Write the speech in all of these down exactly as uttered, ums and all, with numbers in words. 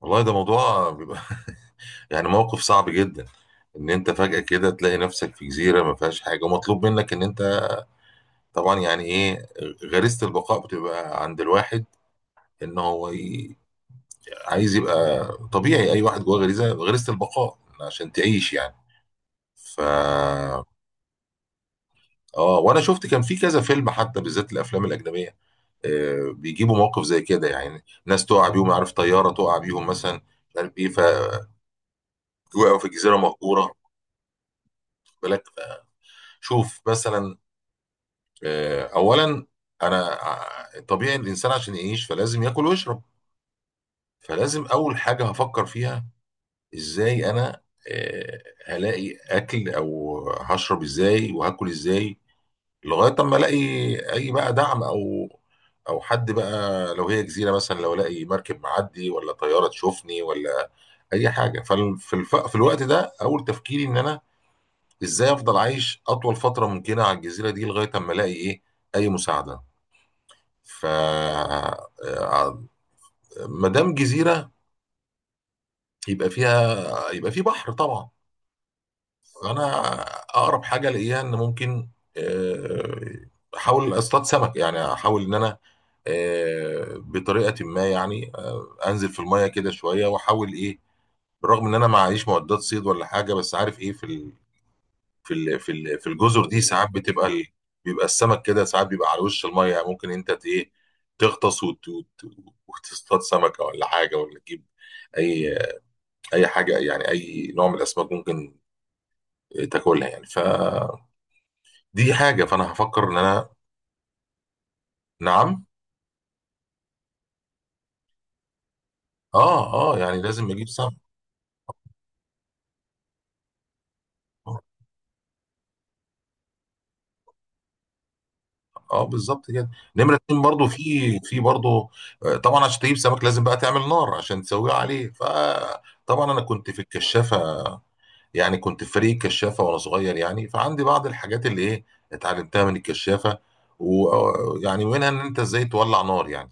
والله ده موضوع بيبقى يعني موقف صعب جدا، ان انت فجأة كده تلاقي نفسك في جزيرة ما فيهاش حاجة ومطلوب منك ان انت طبعا يعني ايه. غريزة البقاء بتبقى عند الواحد، ان هو ي- عايز يبقى. طبيعي اي واحد جواه غريزة غريزة البقاء عشان تعيش يعني. ف اه، وانا شفت كان في كذا فيلم، حتى بالذات الافلام الاجنبيه، آه بيجيبوا موقف زي كده، يعني ناس تقع بيهم، عارف، طياره تقع بيهم مثلا، مش عارف ايه، فوقعوا في جزيره مهجوره. واخد بالك، شوف مثلا، آه اولا انا ع- طبيعي الانسان عشان يعيش فلازم ياكل ويشرب. فلازم اول حاجه هفكر فيها، ازاي انا آه هلاقي اكل او هشرب ازاي وهاكل ازاي، لغايه اما الاقي اي بقى دعم، او او حد بقى، لو هي جزيره مثلا، لو الاقي مركب معدي ولا طياره تشوفني ولا اي حاجه. ففي الف... في الوقت ده اول تفكيري ان انا ازاي افضل عايش اطول فتره ممكنه على الجزيره دي لغايه اما الاقي ايه، اي مساعده. ف آه، ما دام جزيره يبقى فيها، يبقى في بحر طبعا. فانا اقرب حاجه الاقيها ان ممكن آه، احاول اصطاد سمك، يعني احاول ان انا آه، بطريقه ما يعني، آه، انزل في الميه كده شويه واحاول ايه، بالرغم ان انا ما معيش معدات صيد ولا حاجه، بس عارف ايه، في ال... في ال... في ال... في الجزر دي ساعات بتبقى ال... بيبقى السمك كده ساعات بيبقى على وش الميه. يعني ممكن انت ت- ايه، تغطس وت... وت... وتصطاد سمكه ولا حاجه، ولا تجيب اي اي حاجه يعني، اي نوع من الاسماك ممكن تاكلها يعني. فدي حاجه. فانا هفكر ان انا، نعم، اه اه، يعني لازم اجيب سمك. اه بالظبط كده. نمرة اتنين برضو، في في برضو آه، طبعا عشان تجيب سمك لازم بقى تعمل نار عشان تسويه عليه. فطبعا انا كنت في الكشافة، يعني كنت في فريق الكشافه وانا صغير يعني، فعندي بعض الحاجات اللي ايه اتعلمتها من الكشافه. ويعني منها ان انت ازاي تولع نار يعني.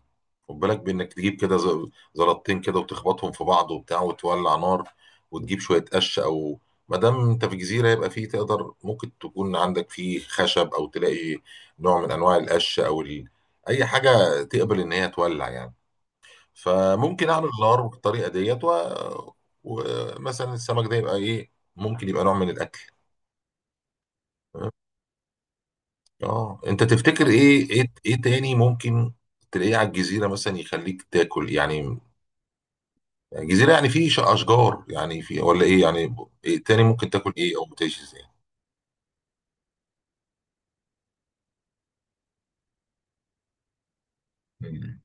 خد بالك بانك تجيب كده ز- زلطتين كده وتخبطهم في بعض وبتاع وتولع نار، وتجيب شويه قش، او ما دام انت في جزيره يبقى فيه، تقدر ممكن تكون عندك فيه خشب، او تلاقي نوع من انواع القش او ال... اي حاجه تقبل ان هي تولع يعني. فممكن اعمل الارو بالطريقه ديت و... ومثلا السمك ده يبقى ايه، ممكن يبقى نوع من الاكل. اه انت تفتكر ايه ايه ايه تاني ممكن تلاقيه على الجزيره مثلا يخليك تاكل يعني؟ جزيره يعني في اشجار، يعني في ولا ايه يعني، ب- إيه تاني ممكن تاكل، ايه او بتعيش ازاي؟ مم.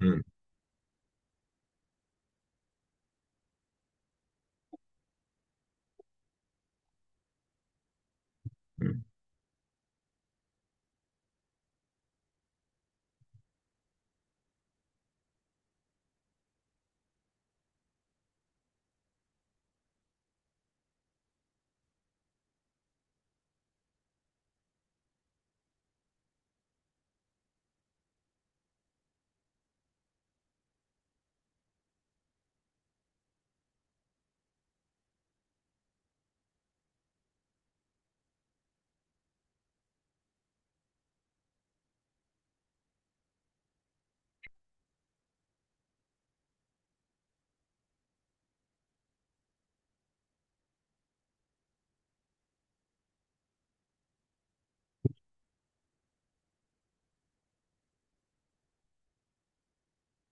مم. مم.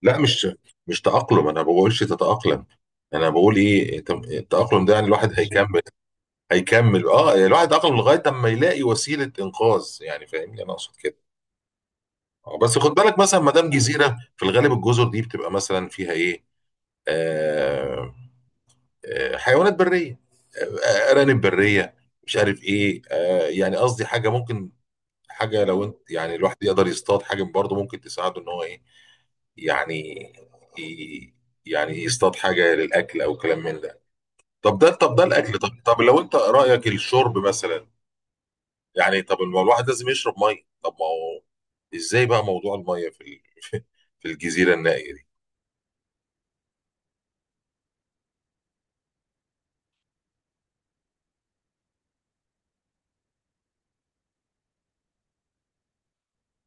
لا، مش مش تأقلم، انا ما بقولش تتأقلم. انا بقول ايه، التم- التأقلم ده يعني الواحد هيكمل، هيكمل اه، يعني الواحد عقله لغايه اما يلاقي وسيله انقاذ يعني، فاهمني انا اقصد كده. آه، بس خد بالك مثلا، ما دام جزيره في الغالب الجزر دي بتبقى مثلا فيها ايه، آه آه حيوانات بريه، آه، آه، ارانب بريه، مش عارف ايه. آه يعني قصدي حاجه ممكن، حاجه لو انت يعني الواحد يقدر يصطاد حاجه برضه ممكن تساعده ان هو ايه، يعني ي- يعني يصطاد حاجه للاكل او كلام من ده. طب ده، طب ده الاكل طب طب لو انت رايك الشرب مثلا؟ يعني طب ما الواحد لازم يشرب ميه. طب ما هو ازاي بقى موضوع الميه في ال- في الجزيره النائيه دي؟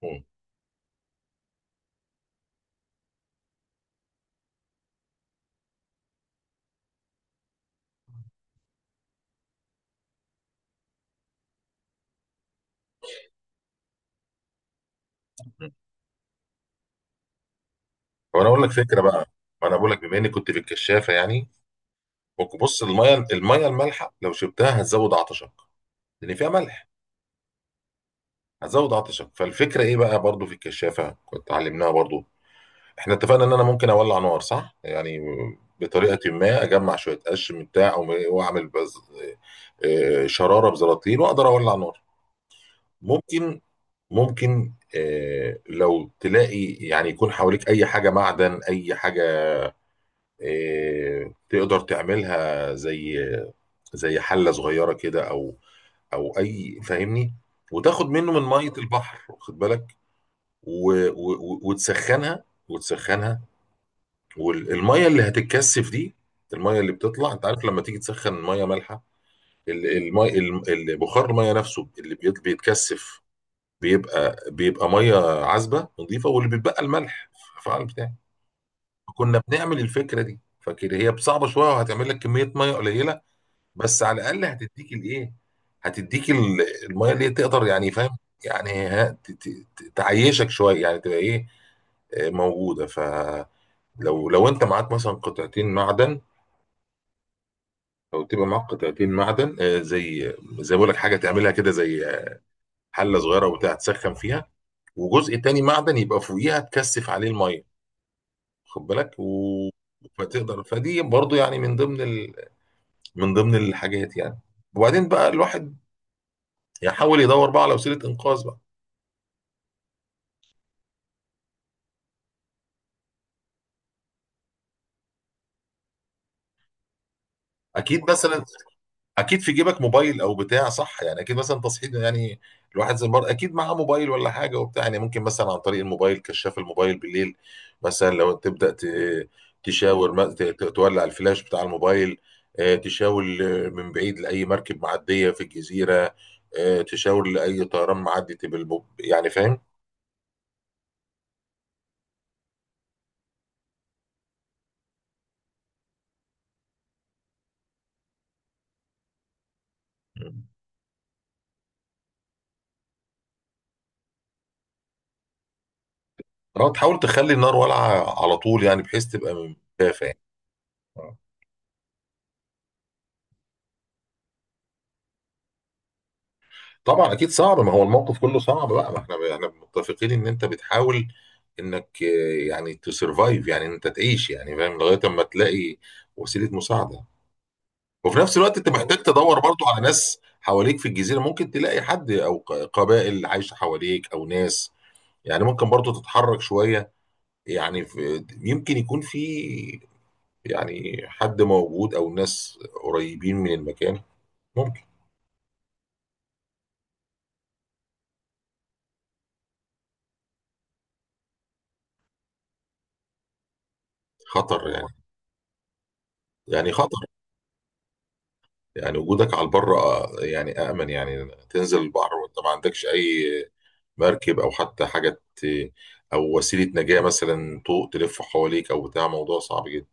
مم. مم. طب انا اقول لك فكره بقى. ما انا بقول لك بما اني كنت في الكشافه يعني. ممكن بص، الميه الميه المالحه لو شربتها هتزود عطشك لان فيها ملح. هتزود عطشك. فالفكره ايه بقى، برضو في الكشافه كنت علمناها برضو. احنا اتفقنا ان انا ممكن اولع نار، صح يعني، بطريقه ما، اجمع شويه قش من بتاع أو- واعمل بز... آه، آه، شراره بزراطيل واقدر اولع نار. ممكن ممكن آه، لو تلاقي يعني يكون حواليك اي حاجه معدن، اي حاجه آه، تقدر تعملها زي، زي حله صغيره كده، او او اي، فاهمني، وتاخد منه من ميه البحر، واخد بالك، و و وتسخنها وتسخنها والميه اللي هتتكثف دي، الميه اللي بتطلع، انت عارف لما تيجي تسخن ميه مالحه ال- المي ال- البخار، الميه نفسه اللي بيت- بيتكثف، بيبقى بيبقى ميه عذبه نظيفه، واللي بيتبقى الملح في الفعل بتاعي. كنا بنعمل الفكره دي. فكده هي صعبه شويه، وهتعمل لك كميه ميه قليله، بس على الاقل هتديك الايه، هتديك ال- الميه اللي هي تقدر يعني، فاهم يعني ها- ت- ت- ت- تعيشك شويه، يعني تبقى ايه آه، موجوده. فلو لو انت معاك مثلا قطعتين معدن، او تبقى معاك قطعتين معدن، آه، زي زي بقول لك حاجه، تعملها كده زي حله صغيره وبتاع تسخن فيها، وجزء تاني معدن يبقى فوقيها تكثف عليه الميه، واخد بالك و... فتقدر. فدي برضو يعني من ضمن ال... من ضمن الحاجات يعني. وبعدين بقى الواحد يحاول يدور بقى على وسيله انقاذ بقى. اكيد مثلا، اكيد في جيبك موبايل او بتاع، صح يعني، اكيد مثلا، تصحيح يعني، الواحد زي المرة اكيد معاه موبايل ولا حاجه وبتاع يعني. ممكن مثلا عن طريق الموبايل، كشاف الموبايل بالليل مثلا، لو تبدا ت- تشاور، ما- ت- ت- تولع الفلاش بتاع الموبايل، آه، تشاور ل- من بعيد لاي مركب معديه في الجزيره، آه، تشاور لاي طيران معدي تبقى الم- يعني فاهم؟ مم. اه، تحاول تخلي النار والعه على طول يعني، بحيث تبقى من دافع. طبعا اكيد صعب، ما هو الموقف كله صعب بقى. ما احنا احنا متفقين ان انت بتحاول انك آه، يعني تسرفايف، يعني انت تعيش يعني فاهم، لغايه اما تلاقي وسيله مساعده. وفي نفس الوقت انت محتاج تدور برضو على ناس حواليك في الجزيره، ممكن تلاقي حد او ق- قبائل عايشه حواليك او ناس. يعني ممكن برضو تتحرك شويه، يعني في يمكن يكون في، يعني حد موجود او ناس قريبين من المكان، ممكن. خطر يعني، يعني خطر يعني. وجودك على البر آه، يعني أأمن. يعني تنزل البحر وأنت ما عندكش أي مركب، أو حتى حاجة ت- أو وسيلة نجاة مثلا طوق تلف حواليك أو بتاع، موضوع صعب جدا.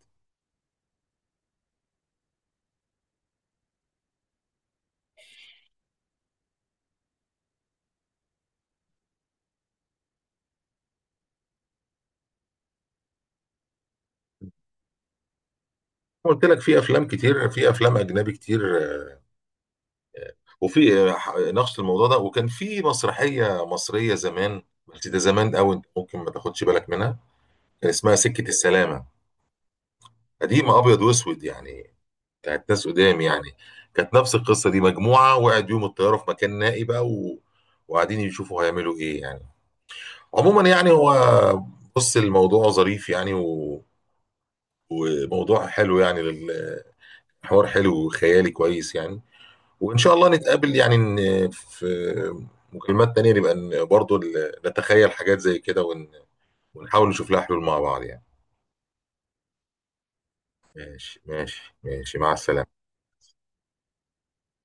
قلت لك في أفلام كتير، في أفلام أجنبي كتير آه، وفي آه، ح- نقش الموضوع ده. وكان في مسرحية مصرية زمان، بس ده زمان أوي أنت ممكن ما تاخدش بالك منها، كان اسمها سكة السلامة. قديمة أبيض وأسود يعني، كانت ناس قدام يعني، كانت نفس القصه دي، مجموعه وقعد يوم الطياره في مكان نائي بقى و... وقاعدين يشوفوا هيعملوا ايه يعني. عموما يعني، هو بص، الموضوع ظريف يعني و... وموضوع حلو يعني، الحوار حلو وخيالي كويس يعني. وان شاء الله نتقابل يعني ن- في مكالمات تانية، نبقى ن- برضو ال- نتخيل حاجات زي كده ون... ونحاول نشوف لها حلول مع بعض يعني. ماشي ماشي ماشي، مع السلامه.